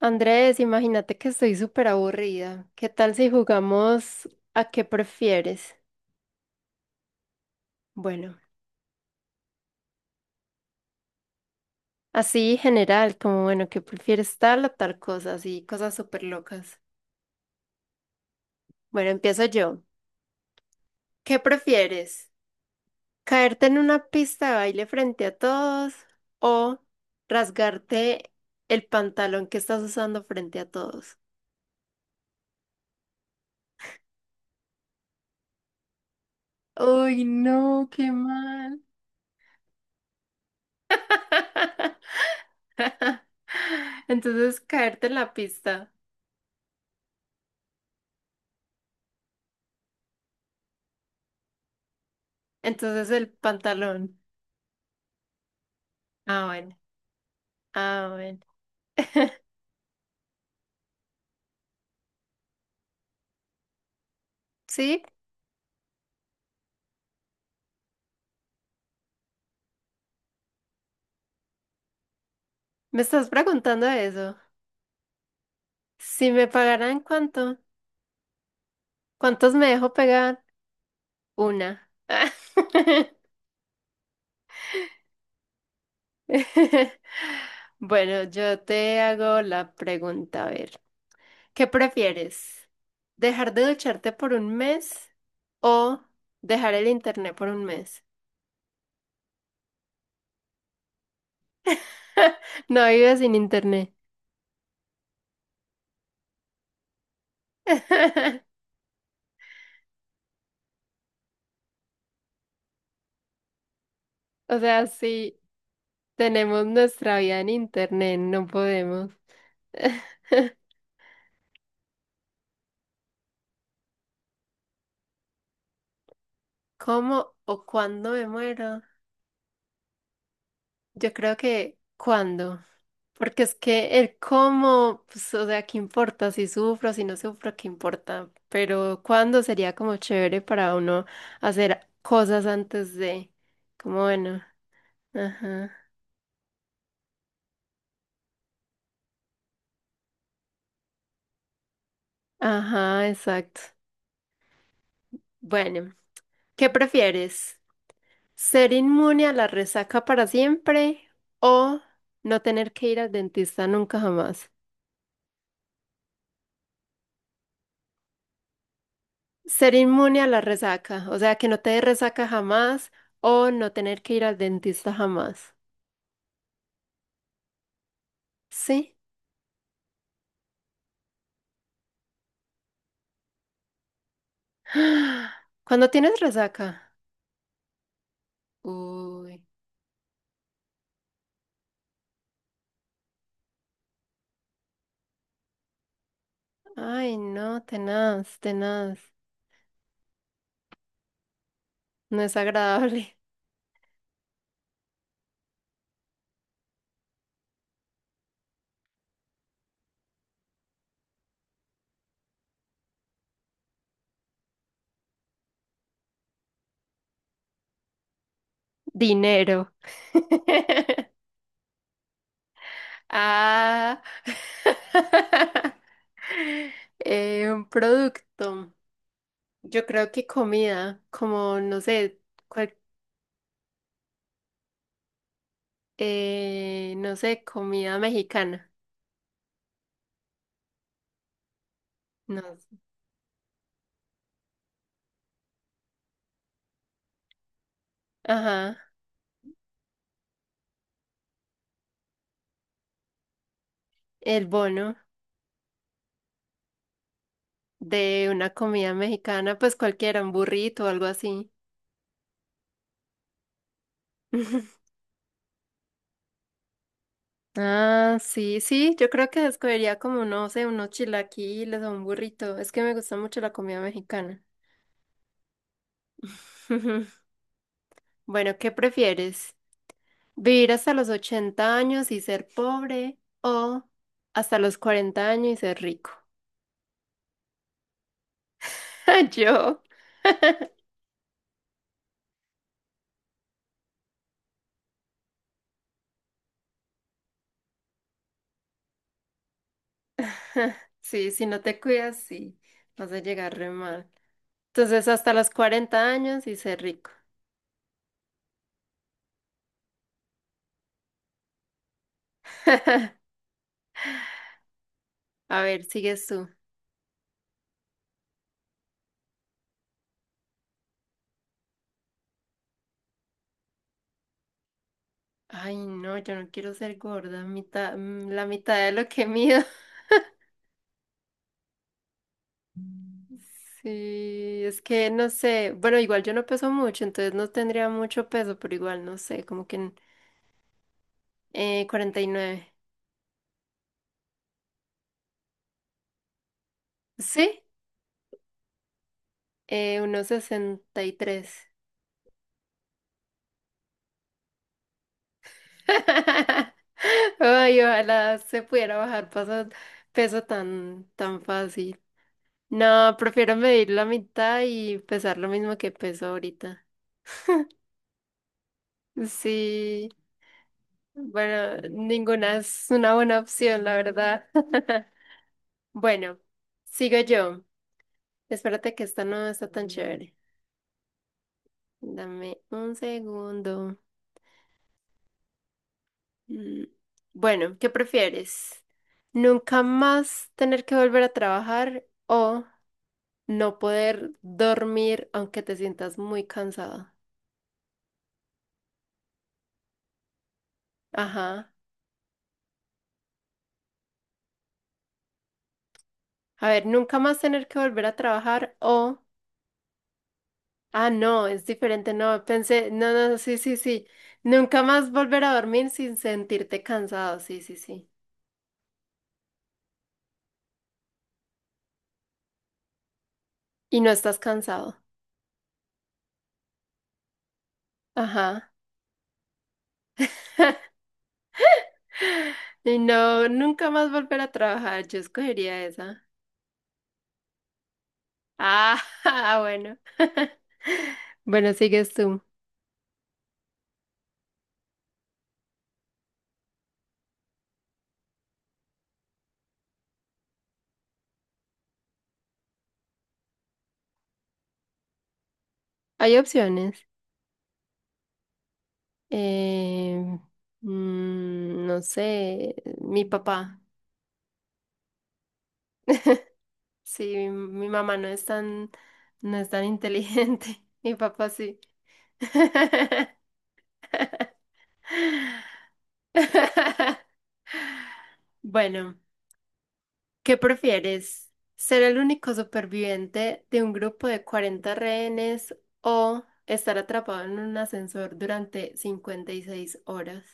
Andrés, imagínate que estoy súper aburrida. ¿Qué tal si jugamos a qué prefieres? Bueno, así general, como bueno, ¿qué prefieres tal o tal cosa? Así, cosas súper locas. Bueno, empiezo yo. ¿Qué prefieres? ¿Caerte en una pista de baile frente a todos o rasgarte el pantalón que estás usando frente a todos? Uy, no, qué mal. Entonces, caerte en la pista. Entonces el pantalón. Ah, bueno. Ah, bueno. Sí, me estás preguntando eso. Si me pagaran cuánto, ¿cuántos me dejo pegar? Una. Bueno, yo te hago la pregunta, a ver. ¿Qué prefieres? ¿Dejar de ducharte por un mes o dejar el internet por un mes? No vives sin internet. O sea, sí. Tenemos nuestra vida en internet, no podemos. ¿Cómo o cuándo me muero? Yo creo que cuándo. Porque es que el cómo, pues, o sea, ¿qué importa? Si sufro, si no sufro, ¿qué importa? Pero cuándo sería como chévere para uno hacer cosas antes de, como bueno, ajá, ajá, exacto. Bueno, ¿qué prefieres? ¿Ser inmune a la resaca para siempre o no tener que ir al dentista nunca jamás? Ser inmune a la resaca, o sea, que no te dé resaca jamás o no tener que ir al dentista jamás. ¿Sí? ¿Cuándo tienes resaca? Uy, ay, no, tenaz, tenaz. No es agradable. Dinero. Ah. Un producto. Yo creo que comida, como no sé, cual- no sé, comida mexicana. No. sé. Ajá, el bono de una comida mexicana, pues cualquiera, un burrito o algo así. Ah, sí, sí, yo creo que escogería como, no sé, unos chilaquiles o un burrito. Es que me gusta mucho la comida mexicana. Bueno, ¿qué prefieres? ¿Vivir hasta los 80 años y ser pobre o hasta los 40 años y ser rico? Yo. Sí, si no te cuidas, sí, vas a llegar re mal. Entonces, hasta los 40 años y ser rico. A ver, sigues tú. Ay, no, yo no quiero ser gorda, mitad, la mitad de lo que mido. Sí, es que no sé. Bueno, igual yo no peso mucho, entonces no tendría mucho peso, pero igual no sé, como que en- 49. Sí, unos 63. Ay, ojalá se pudiera bajar paso, peso tan, tan fácil. No, prefiero medir la mitad y pesar lo mismo que peso ahorita. Sí, bueno, ninguna es una buena opción, la verdad. Bueno, sigo yo. Espérate que esta no está tan chévere. Dame un segundo. Mm, Bueno, ¿qué prefieres? ¿Nunca más tener que volver a trabajar o no poder dormir aunque te sientas muy cansado? Ajá. A ver, nunca más tener que volver a trabajar o ah, no, es diferente, no, pensé, no, no, sí, sí, sí. Nunca más volver a dormir sin sentirte cansado, sí, sí, sí. Y no estás cansado. Ajá. Y no, nunca más volver a trabajar, yo escogería esa. Ah, ah, bueno. Bueno, sigues tú. Hay opciones. Eh, no sé, mi papá. Sí, mi mamá no es tan, no es tan inteligente. Mi papá sí. Bueno, ¿qué prefieres? ¿Ser el único superviviente de un grupo de 40 rehenes o estar atrapado en un ascensor durante 56 horas?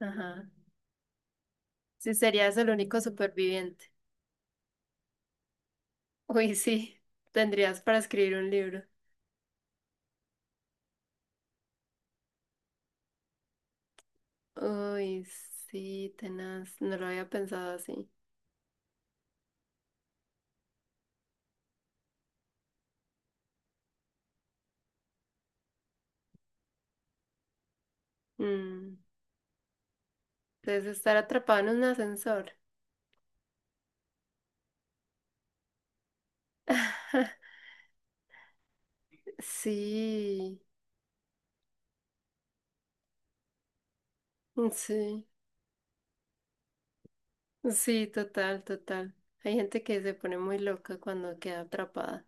Ajá. Si serías el único superviviente. Uy, sí. Tendrías para escribir un libro. Uy, sí, tenaz. No lo había pensado así. Mm, Entonces, estar atrapado en un ascensor. Sí, sí. Sí, total, total. Hay gente que se pone muy loca cuando queda atrapada.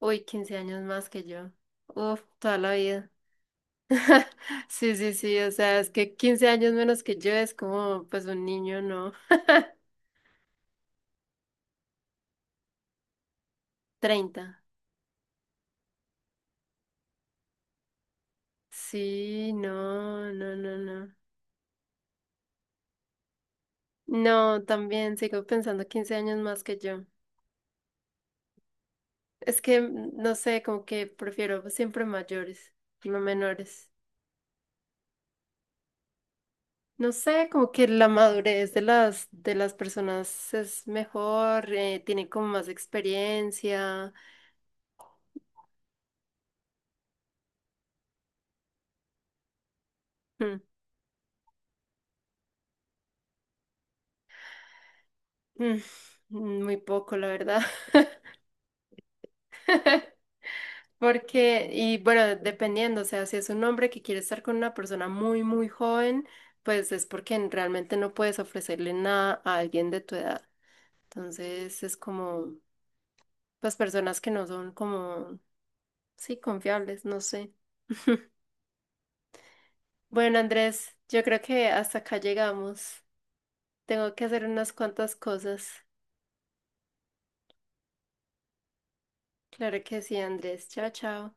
Uy, 15 años más que yo. Uf, toda la vida. Sí, sí, sí, o sea, es que 15 años menos que yo es como, pues un niño, ¿no? 30. Sí, no, no, no, no. No, también sigo pensando 15 años más que yo. Es que, no sé, como que prefiero siempre mayores, no menores. No sé, como que la madurez de las personas es mejor, tienen como más experiencia. Mm, mm, Muy poco, la verdad. Porque, y bueno, dependiendo, o sea, si es un hombre que quiere estar con una persona muy, muy joven, pues es porque n- realmente no puedes ofrecerle nada a alguien de tu edad. Entonces es como, pues personas que no son como, sí, confiables, no sé. Bueno, Andrés, yo creo que hasta acá llegamos. Tengo que hacer unas cuantas cosas. Claro que sí, Andrés. Chao, chao.